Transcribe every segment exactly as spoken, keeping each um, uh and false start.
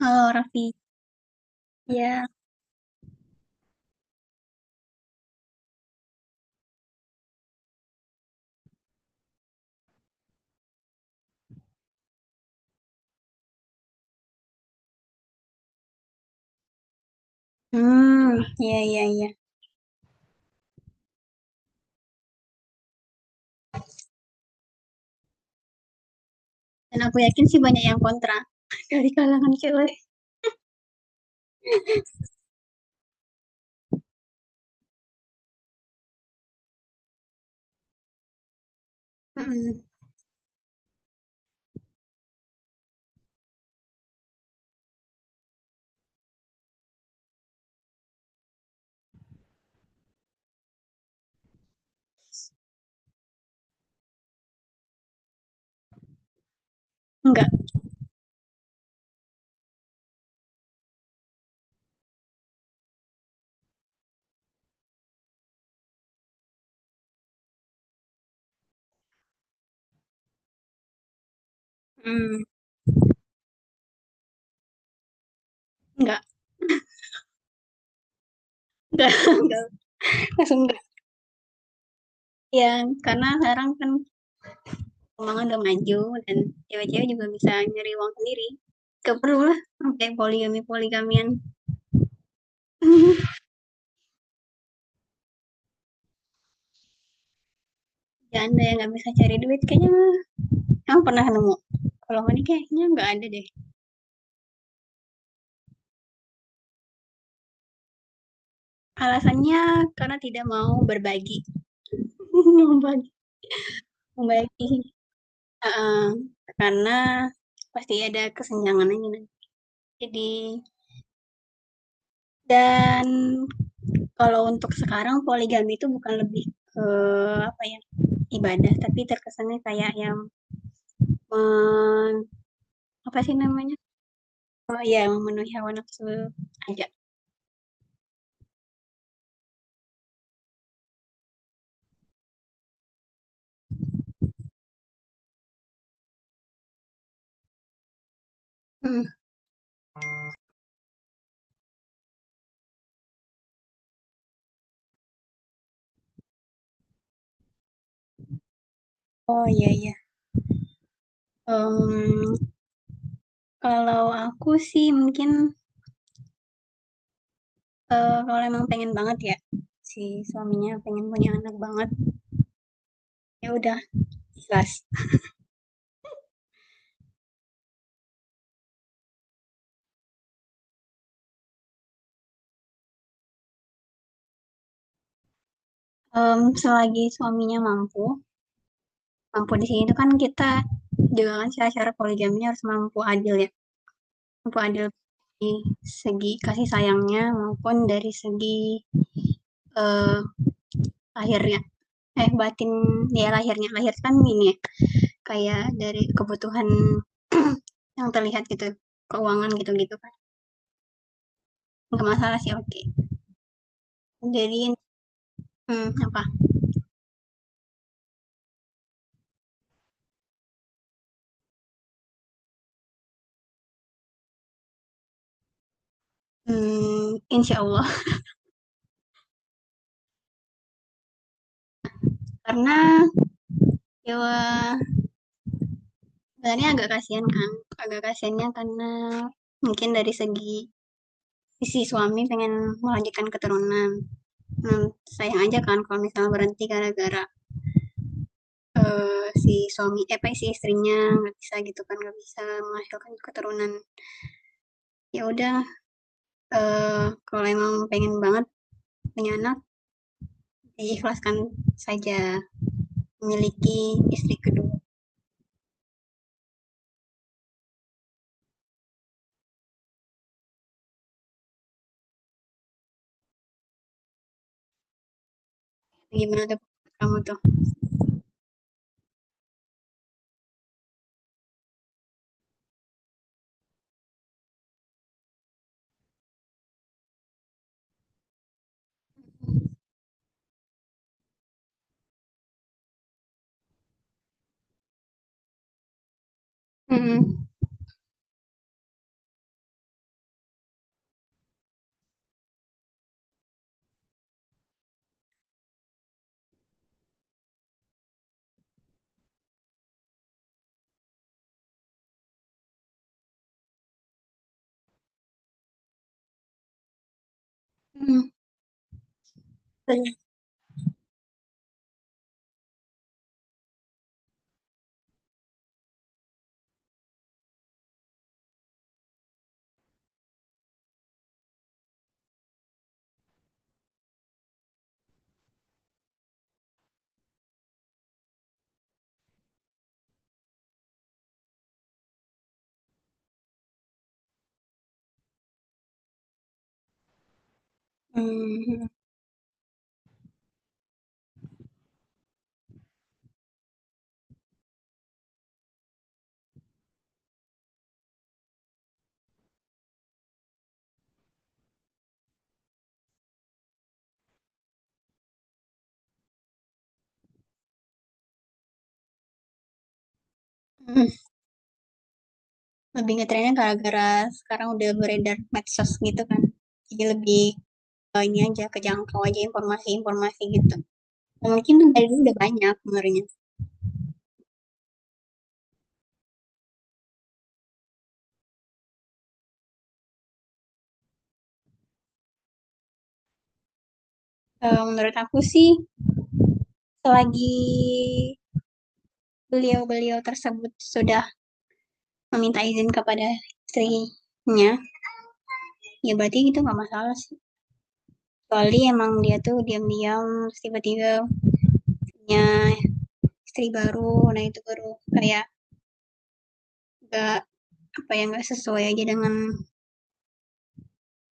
Halo Raffi, iya. Mmm, iya, iya, iya. Dan aku yakin sih banyak yang kontra dari kalangan cewek. Mhm. Enggak. mmm, enggak enggak enggak, langsung enggak. Iya, karena sekarang kan keuangan udah maju dan cewek-cewek juga bisa nyari uang sendiri, nggak perlulah sampai poligami-poligamian. Ya Anda yang nggak bisa cari duit kayaknya kamu pernah nemu? Kalau ini kayaknya nggak ada deh. Alasannya karena tidak mau berbagi, membagi membagi. Heeh, karena pasti ada kesenjangannya nih. Jadi dan kalau untuk sekarang poligami itu bukan lebih ke apa ya, ibadah, tapi terkesannya kayak yang men apa sih namanya, oh iya memenuhi hawa nafsu aja. Mhm. Oh iya, iya, mmm, kalau aku sih mungkin, eee, kalau emang pengen banget ya, si suaminya pengen punya anak banget, ya udah ikhlas. Mmm, selagi suaminya mampu. Mampu di sini itu kan kita juga kan syarat-syarat poligaminya harus mampu adil ya, mampu adil di segi kasih sayangnya maupun dari segi, eee, lahirnya, eh, batin ya lahirnya. Lahir kan ini ya, kayak dari kebutuhan yang terlihat gitu, keuangan gitu-gitu kan. Nggak masalah sih, oke. Okay. Jadi mmm, apa, mmm, insyaallah. Karena ya sebenarnya agak kasihan kan, agak kasihannya karena mungkin dari segi si suami pengen melanjutkan keturunan. Nah, sayang aja kan kalau misalnya berhenti gara-gara eh, si suami, eh apa si istrinya nggak bisa gitu kan, nggak bisa menghasilkan keturunan. Ya udah, eh, kalau emang pengen banget punya anak, diikhlaskan saja memiliki istri kedua. Gimana tuh kamu tuh? Mm-mm. Mm. Mm. Mm. Lebih ngetrennya gara-gara sekarang udah beredar medsos gitu kan. Jadi lebih, Eee, ini aja, kejangkau aja informasi-informasi gitu. Eee, mungkin dari dulu udah banyak sebenarnya. Eee, menurut aku sih selagi beliau-beliau tersebut sudah meminta izin kepada istrinya, ya berarti itu nggak masalah sih. Kecuali emang dia tuh diam-diam tiba-tiba punya istri baru, nah itu baru kayak nggak, apa ya, nggak sesuai aja dengan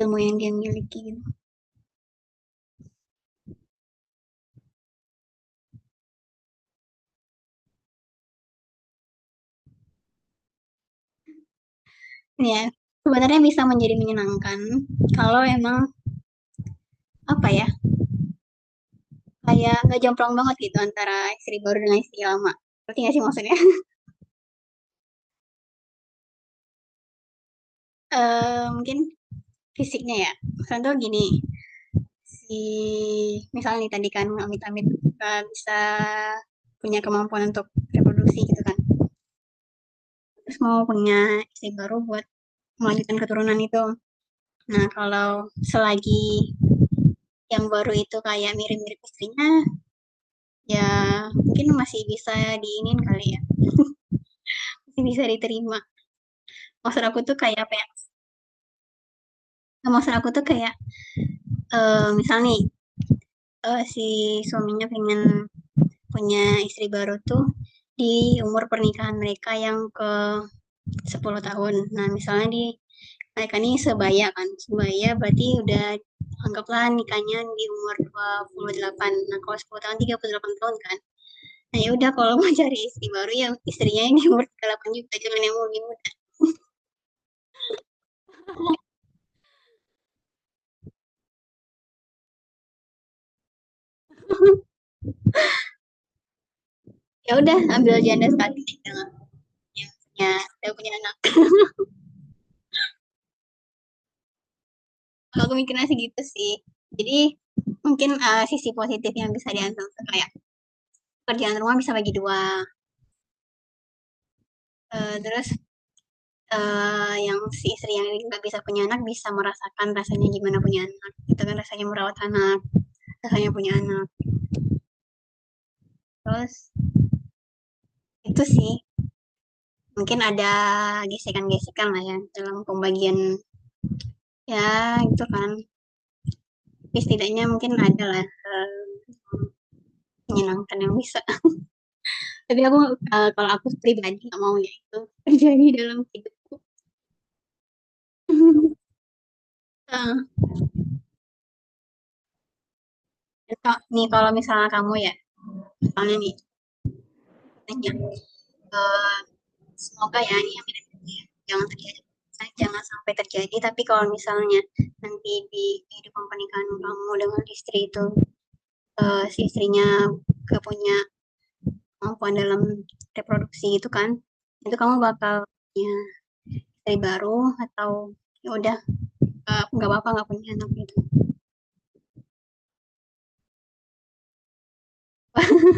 ilmu yang dia miliki gitu. Ya, sebenarnya bisa menjadi menyenangkan kalau emang, apa ya, kayak nggak jomplang banget gitu antara istri baru dengan istri lama. Berarti nggak sih maksudnya? Eee, mungkin fisiknya ya, contoh gini, si misalnya nih tadi kan amit-amit nggak bisa punya kemampuan untuk reproduksi gitu kan, terus mau punya istri baru buat melanjutkan keturunan itu. Nah, kalau selagi yang baru itu kayak mirip-mirip istrinya, ya mungkin masih bisa diiniin kali ya, masih bisa diterima. Maksud aku tuh kayak apa ya, maksud aku tuh kayak, eee, misal nih eee, si suaminya pengen punya istri baru tuh di umur pernikahan mereka yang ke sepuluh tahun. Nah, misalnya di mereka ini sebaya kan, sebaya berarti udah anggaplah nikahnya di umur dua puluh delapan. Nah, kalau sepuluh tahun tiga puluh delapan tahun kan. Nah, ya udah kalau mau cari istri baru ya istrinya yang di umur tiga puluh delapan juga, jangan yang lebih muda. Ya udah ambil janda statis yang punya yang punya udah punya anak. Kalau aku mikirnya sih gitu sih. Jadi mungkin, eee, sisi positif yang bisa diambil kayak kerjaan rumah bisa bagi dua, eee, terus, eee, yang si istri yang nggak bisa punya anak bisa merasakan rasanya gimana punya anak, itu kan rasanya merawat anak, rasanya punya anak. Terus itu sih, mungkin ada gesekan-gesekan lah ya dalam pembagian ya gitu kan, tapi setidaknya mungkin ada lah, eee, menyenangkan yang bisa. Tapi aku, eee, kalau aku pribadi nggak mau ya itu terjadi dalam hidup. Heeh, cocok nih kalau misalnya kamu ya, misalnya nih nanya, eee, semoga ya ini yang tidak ya, jangan terjadi misalnya jangan sampai terjadi, tapi kalau misalnya nanti di kehidupan pernikahan kamu dengan istri itu, eee, si istrinya nggak punya kemampuan dalam reproduksi gitu kan, itu kamu bakal punya istri baru atau ya udah, eee, nggak apa-apa nggak punya anak gitu?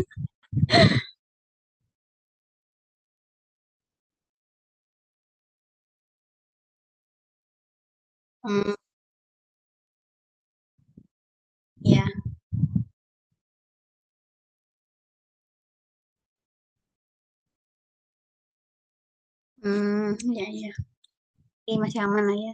Mmm, iya, mmm, iya, iya. Jadi masih aman lah ya.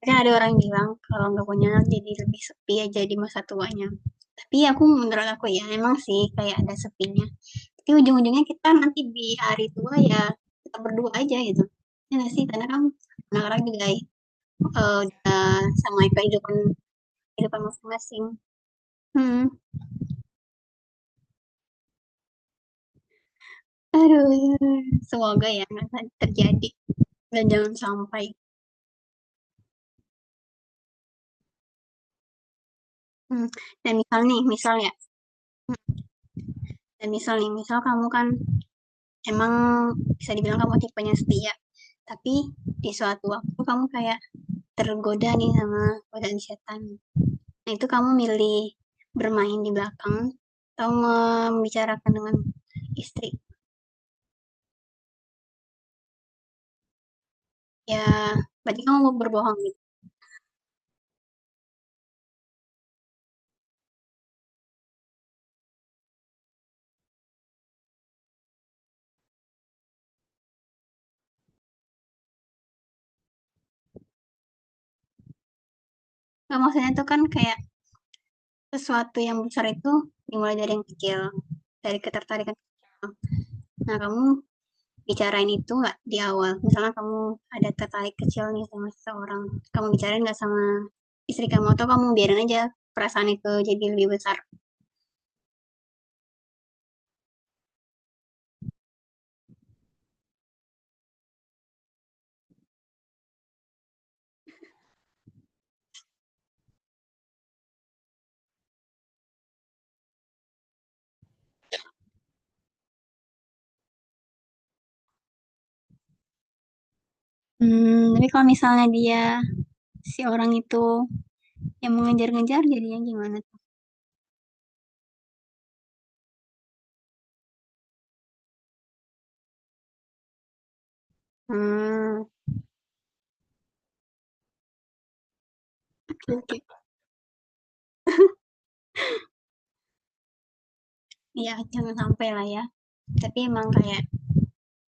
Kan ada orang bilang kalau nggak punya anak jadi lebih sepi aja di masa tuanya. Tapi aku menurut aku ya emang sih kayak ada sepinya. Tapi ujung-ujungnya kita nanti di hari tua ya kita berdua aja gitu. Ya nggak sih karena kan anak-anak juga eh, udah sama kehidupan kehidupan masing-masing. Hmm. Aduh, semoga ya nggak terjadi dan jangan sampai. Hmm. Dan misal nih, misal ya. Hmm. Dan misal nih, misal kamu kan emang bisa dibilang kamu tipenya setia, tapi di suatu waktu kamu kayak tergoda nih sama godaan setan. Nah, itu kamu milih bermain di belakang atau membicarakan dengan istri. Ya, berarti kamu mau berbohong gitu. Nah, maksudnya itu kan kayak sesuatu yang besar itu dimulai dari yang kecil, dari ketertarikan kecil. Nah, kamu bicarain itu nggak di awal? Misalnya kamu ada tertarik kecil nih sama seseorang, kamu bicarain nggak sama istri kamu atau kamu biarin aja perasaan itu jadi lebih besar? Hmm, tapi kalau misalnya dia si orang itu yang mengejar-ngejar jadinya gimana? Hmm, oke. Iya, jangan sampai lah ya. Tapi emang kayak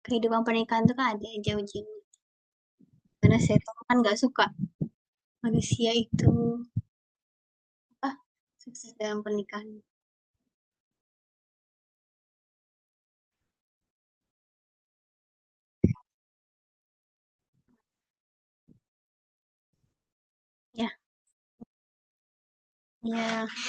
kehidupan pernikahan tuh kan ada aja ujian. Karena setan kan nggak suka manusia itu apa sukses dalam pernikahan. Ya, ya